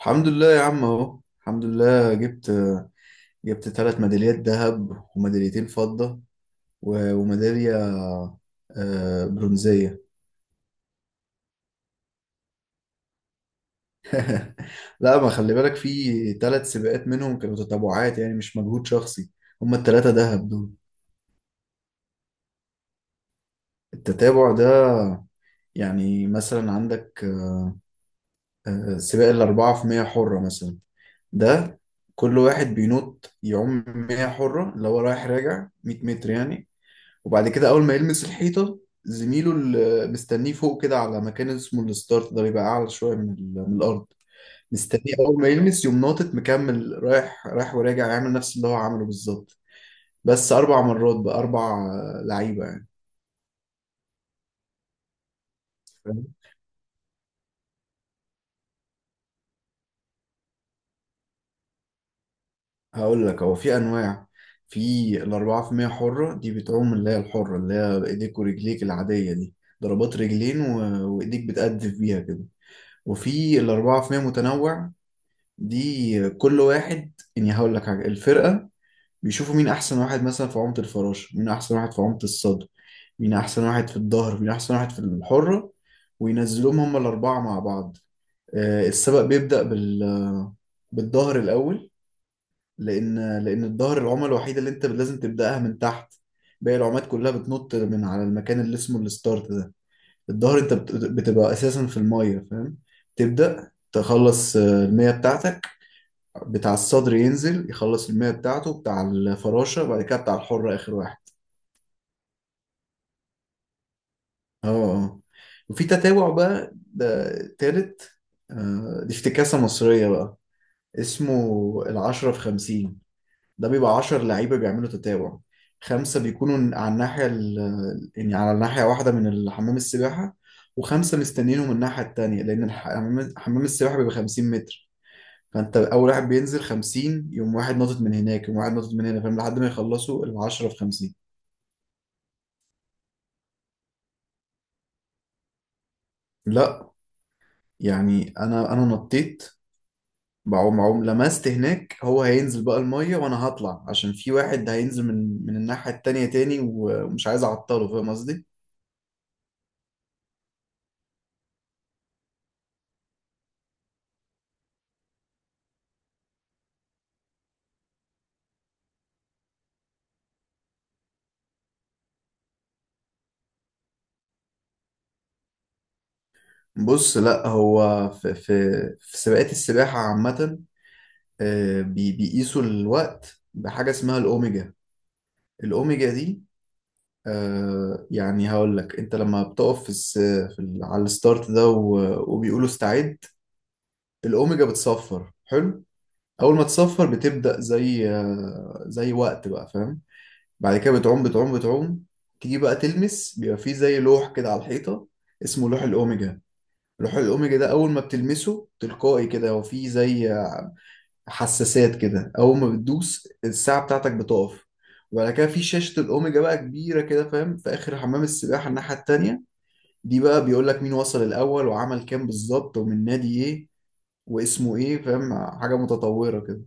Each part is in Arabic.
الحمد لله يا عم اهو، الحمد لله. جبت 3 ميداليات ذهب وميداليتين فضة و- وميدالية برونزية. لا، ما خلي بالك، في 3 سباقات منهم كانوا تتابعات، يعني مش مجهود شخصي. هما الثلاثة ذهب دول. التتابع ده، يعني مثلا عندك سباق الأربعة في مية حرة مثلا. ده كل واحد بينط يعوم 100 حرة، اللي هو رايح راجع 100 متر يعني. وبعد كده اول ما يلمس الحيطه، زميله اللي مستنيه فوق كده على مكان اسمه الستارت ده بيبقى اعلى شويه من الارض. مستنيه اول ما يلمس يقوم ناطط مكمل رايح وراجع، يعمل نفس اللي هو عمله بالظبط. بس اربع مرات بقى، اربع لعيبه يعني. فاهم؟ هقول لك، هو في انواع. في الاربعه في مية حره دي بتعوم اللي هي الحره، اللي هي ايديك ورجليك العاديه دي. ضربات رجلين و... وايديك بتقدف بيها كده. وفي الأربعة في مية متنوع، دي كل واحد يعني. هقول لك حاجة، الفرقة بيشوفوا مين أحسن واحد مثلا في عمق الفراشة، مين أحسن واحد في عمق الصدر، مين أحسن واحد في الظهر، مين أحسن واحد في الحرة، وينزلوهم هما الأربعة مع بعض. السبق بيبدأ بالظهر الأول. لأن الظهر العمى الوحيدة اللي أنت لازم تبدأها من تحت. باقي العمات كلها بتنط من على المكان اللي اسمه الستارت ده. الظهر أنت بتبقى أساسا في المية، فاهم. تبدأ تخلص المية بتاعتك. بتاع الصدر ينزل يخلص المية بتاعته، بتاع الفراشة، وبعد كده بتاع الحرة آخر واحد. اه. اه. وفي تتابع بقى، ده تالت. دي افتكاسة مصرية بقى، اسمه العشرة في خمسين. ده بيبقى عشر لعيبة بيعملوا تتابع. خمسة بيكونوا على يعني على ناحية واحدة من الحمام السباحة، وخمسة مستنينهم من الناحية التانية. لأن حمام السباحة بيبقى 50 متر. فانت اول واحد بينزل 50، يقوم واحد ناطط من هناك، يقوم واحد ناطط من هنا، فاهم، لحد ما يخلصوا ال 10 في 50. لا. يعني انا نطيت، بعوم لمست هناك، هو هينزل بقى الميه، وانا هطلع عشان في واحد هينزل من الناحيه التانيه تاني، ومش عايز اعطله، فاهم قصدي. بص، لا هو في في سباقات السباحه عامه، بيقيسوا الوقت بحاجه اسمها الاوميجا. الاوميجا دي، آه يعني هقول لك. انت لما بتقف في, الس... في ال... على الستارت ده وبيقولوا استعد، الاوميجا بتصفر. حلو. اول ما تصفر بتبدأ زي زي وقت بقى، فاهم. بعد كده بتعوم. تيجي بقى تلمس، بيبقى فيه زي لوح كده على الحيطة، اسمه لوح الاوميجا. لوح الاوميجا ده اول ما بتلمسه تلقائي كده، هو فيه زي حساسات كده، اول ما بتدوس الساعة بتاعتك بتقف. وبعد كده في شاشة الأوميجا بقى كبيرة كده، فاهم، في آخر حمام السباحة الناحية التانية دي. بقى بيقول لك مين وصل الاول وعمل كام بالظبط ومن نادي ايه واسمه ايه، فاهم. حاجه متطوره كده.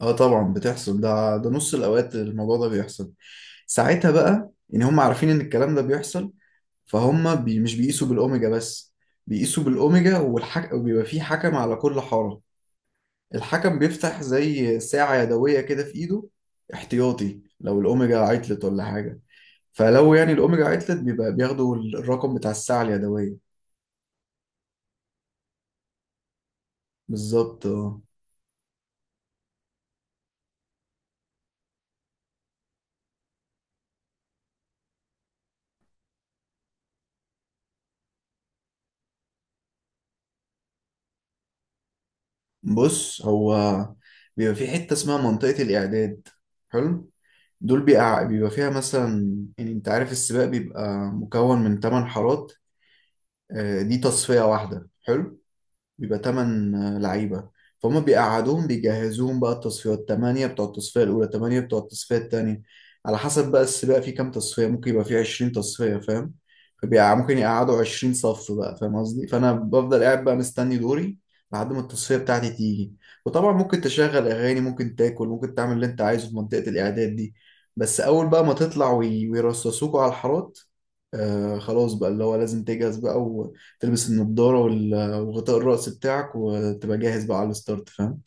اه طبعا بتحصل. ده نص الاوقات الموضوع ده بيحصل. ساعتها بقى ان هم عارفين ان الكلام ده بيحصل، فهم بي مش بيقيسوا بالاوميجا بس. بيقيسوا بالاوميجا وبيبقى فيه حكم على كل حاره. الحكم بيفتح زي ساعه يدويه كده في ايده، احتياطي، لو الاوميجا عطلت ولا حاجه. فلو يعني الاوميجا عطلت بيبقى بياخدوا الرقم بتاع الساعه اليدويه. بالظبط اه. بص هو بيبقى في حتة اسمها منطقة الإعداد. حلو. دول بيبقى فيها مثلا، يعني أنت عارف السباق بيبقى مكون من 8 حارات. دي تصفية واحدة. حلو. بيبقى تمن لعيبة. فهم بيقعدوهم بيجهزوهم بقى. التصفيات تمانية بتوع التصفية الأولى، تمانية بتوع التصفية التانية، على حسب بقى السباق فيه كام تصفية. ممكن يبقى فيه 20 تصفية، فاهم. فبيبقى ممكن يقعدوا 20 صف بقى، فاهم قصدي. فأنا بفضل قاعد بقى مستني دوري لحد ما التصفية بتاعتي تيجي. وطبعا ممكن تشغل أغاني، ممكن تاكل، ممكن تعمل اللي أنت عايزه في منطقة الإعداد دي. بس أول بقى ما تطلع وي- ويرصصوكوا على الحارات، آه خلاص بقى اللي هو لازم تجهز بقى، وتلبس النضارة وغطاء الرأس بتاعك، وتبقى جاهز بقى على الستارت، فاهم.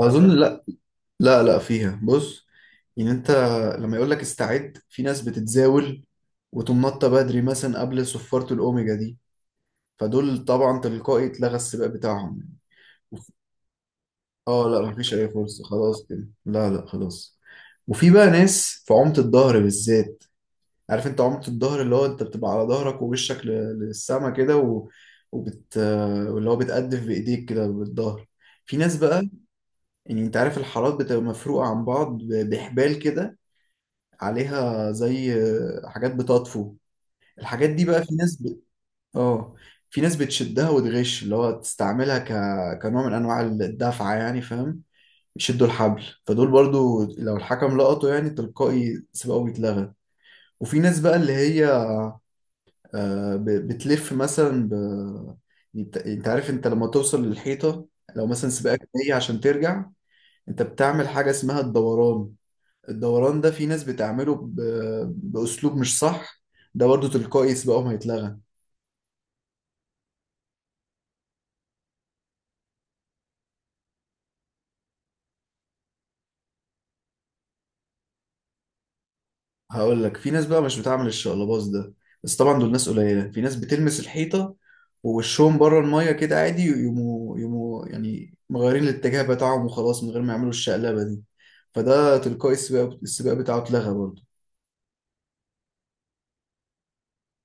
أظن لا. لا لا فيها. بص، يعني أنت لما يقول لك استعد في ناس بتتزاول وتقوم نطة بدري مثلا قبل صفارة الأوميجا دي، فدول طبعا تلقائي اتلغى السباق بتاعهم. اه لا مفيش أي فرصة، خلاص كده. لا لا، خلاص. وفي بقى ناس في عمق الظهر بالذات. عارف انت عمق الظهر، اللي هو انت بتبقى على ظهرك ووشك للسما كده، وبت... واللي هو بتقدف بإيديك كده بالظهر. في ناس بقى، يعني انت عارف الحارات بتبقى مفروقة عن بعض بحبال كده، عليها زي حاجات بتطفو. الحاجات دي بقى في اه، في ناس بتشدها وتغش، اللي هو تستعملها كنوع من انواع الدفعة يعني فاهم. يشدوا الحبل، فدول برضو لو الحكم لقطه يعني تلقائي سبقه بيتلغى. وفي ناس بقى اللي هي بتلف مثلا انت عارف، انت لما توصل للحيطة لو مثلا سباقك جاي عشان ترجع انت بتعمل حاجة اسمها الدوران. الدوران ده في ناس بتعمله بأسلوب مش صح. ده برضه تلقائي سبقهم هيتلغى. هقول لك، في ناس بقى مش بتعمل الشقلباص ده، بس طبعا دول ناس قليلة. في ناس بتلمس الحيطة ووشهم بره المية كده عادي، يقوموا يعني مغيرين الاتجاه بتاعهم وخلاص، من غير ما يعملوا الشقلبة دي. فده تلقائي السباق بتاعه اتلغى برضه.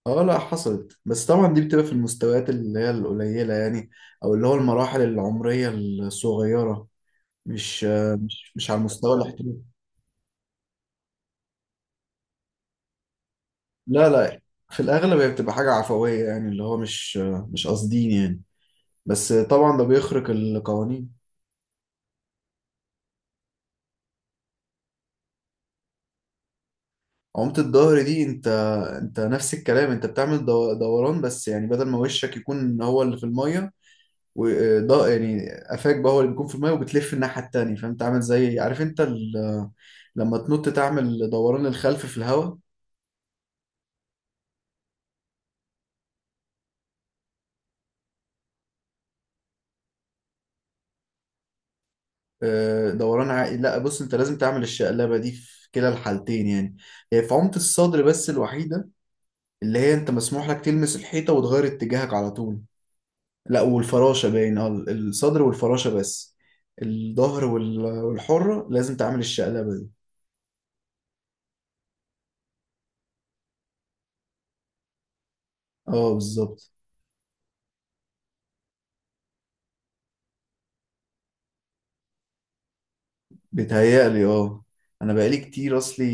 اه لا حصلت، بس طبعا دي بتبقى في المستويات اللي هي القليلة يعني، او اللي هو المراحل العمرية الصغيرة. مش مش على المستوى الاحترافي. لا لا، في الأغلب هي بتبقى حاجة عفوية، يعني اللي هو مش قاصدين يعني. بس طبعا ده بيخرق القوانين. عمت الظهر دي انت، نفس الكلام، انت بتعمل دوران، بس يعني بدل ما وشك يكون هو اللي في المية، وده يعني قفاك بقى هو اللي بيكون في المية، وبتلف الناحية التانية. فانت عامل زي، عارف انت لما تنط تعمل دوران الخلف في الهواء. دوران عائي، لا بص انت لازم تعمل الشقلبة دي في كلا الحالتين يعني. هي في عمت الصدر بس الوحيدة اللي هي انت مسموح لك تلمس الحيطة وتغير اتجاهك على طول. لا والفراشة باين. اه، الصدر والفراشة بس. الظهر والحرة لازم تعمل الشقلبة دي. اه بالظبط. بيتهيألي اه، انا بقالي كتير اصلي،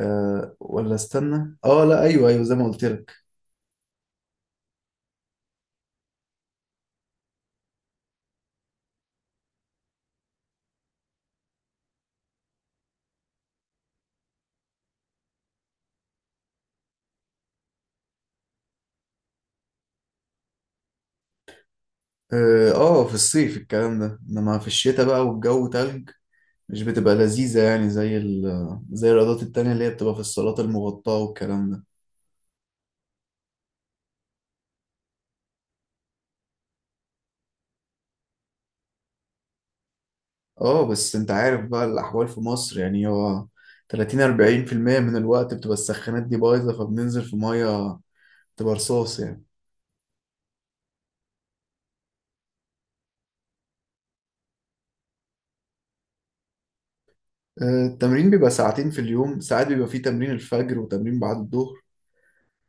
ولا استنى، اه لا، ايوه ايوه زي ما قلت لك. اه. في الصيف الكلام ده، انما في الشتاء بقى والجو تلج مش بتبقى لذيذة، يعني زي الرياضات التانية اللي هي بتبقى في الصالات المغطاة والكلام ده. اه بس انت عارف بقى الاحوال في مصر. يعني هو 30 40% من الوقت بتبقى السخانات دي بايظه، فبننزل في ميه تبقى رصاص يعني. التمرين بيبقى ساعتين في اليوم. ساعات بيبقى فيه تمرين الفجر وتمرين بعد الظهر،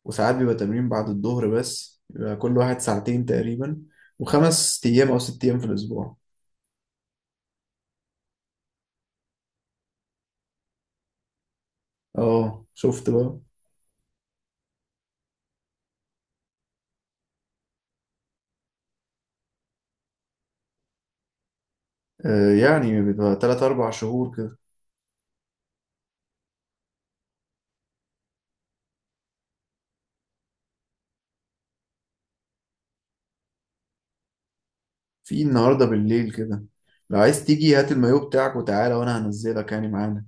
وساعات بيبقى تمرين بعد الظهر بس، بيبقى كل واحد ساعتين تقريبا، وخمس ايام او 6 ايام في الاسبوع. اه شفت بقى. يعني بيبقى 3 4 شهور كده. في النهارده بالليل كده، لو عايز تيجي هات المايو بتاعك وتعالى، وانا هنزلك يعني معانا.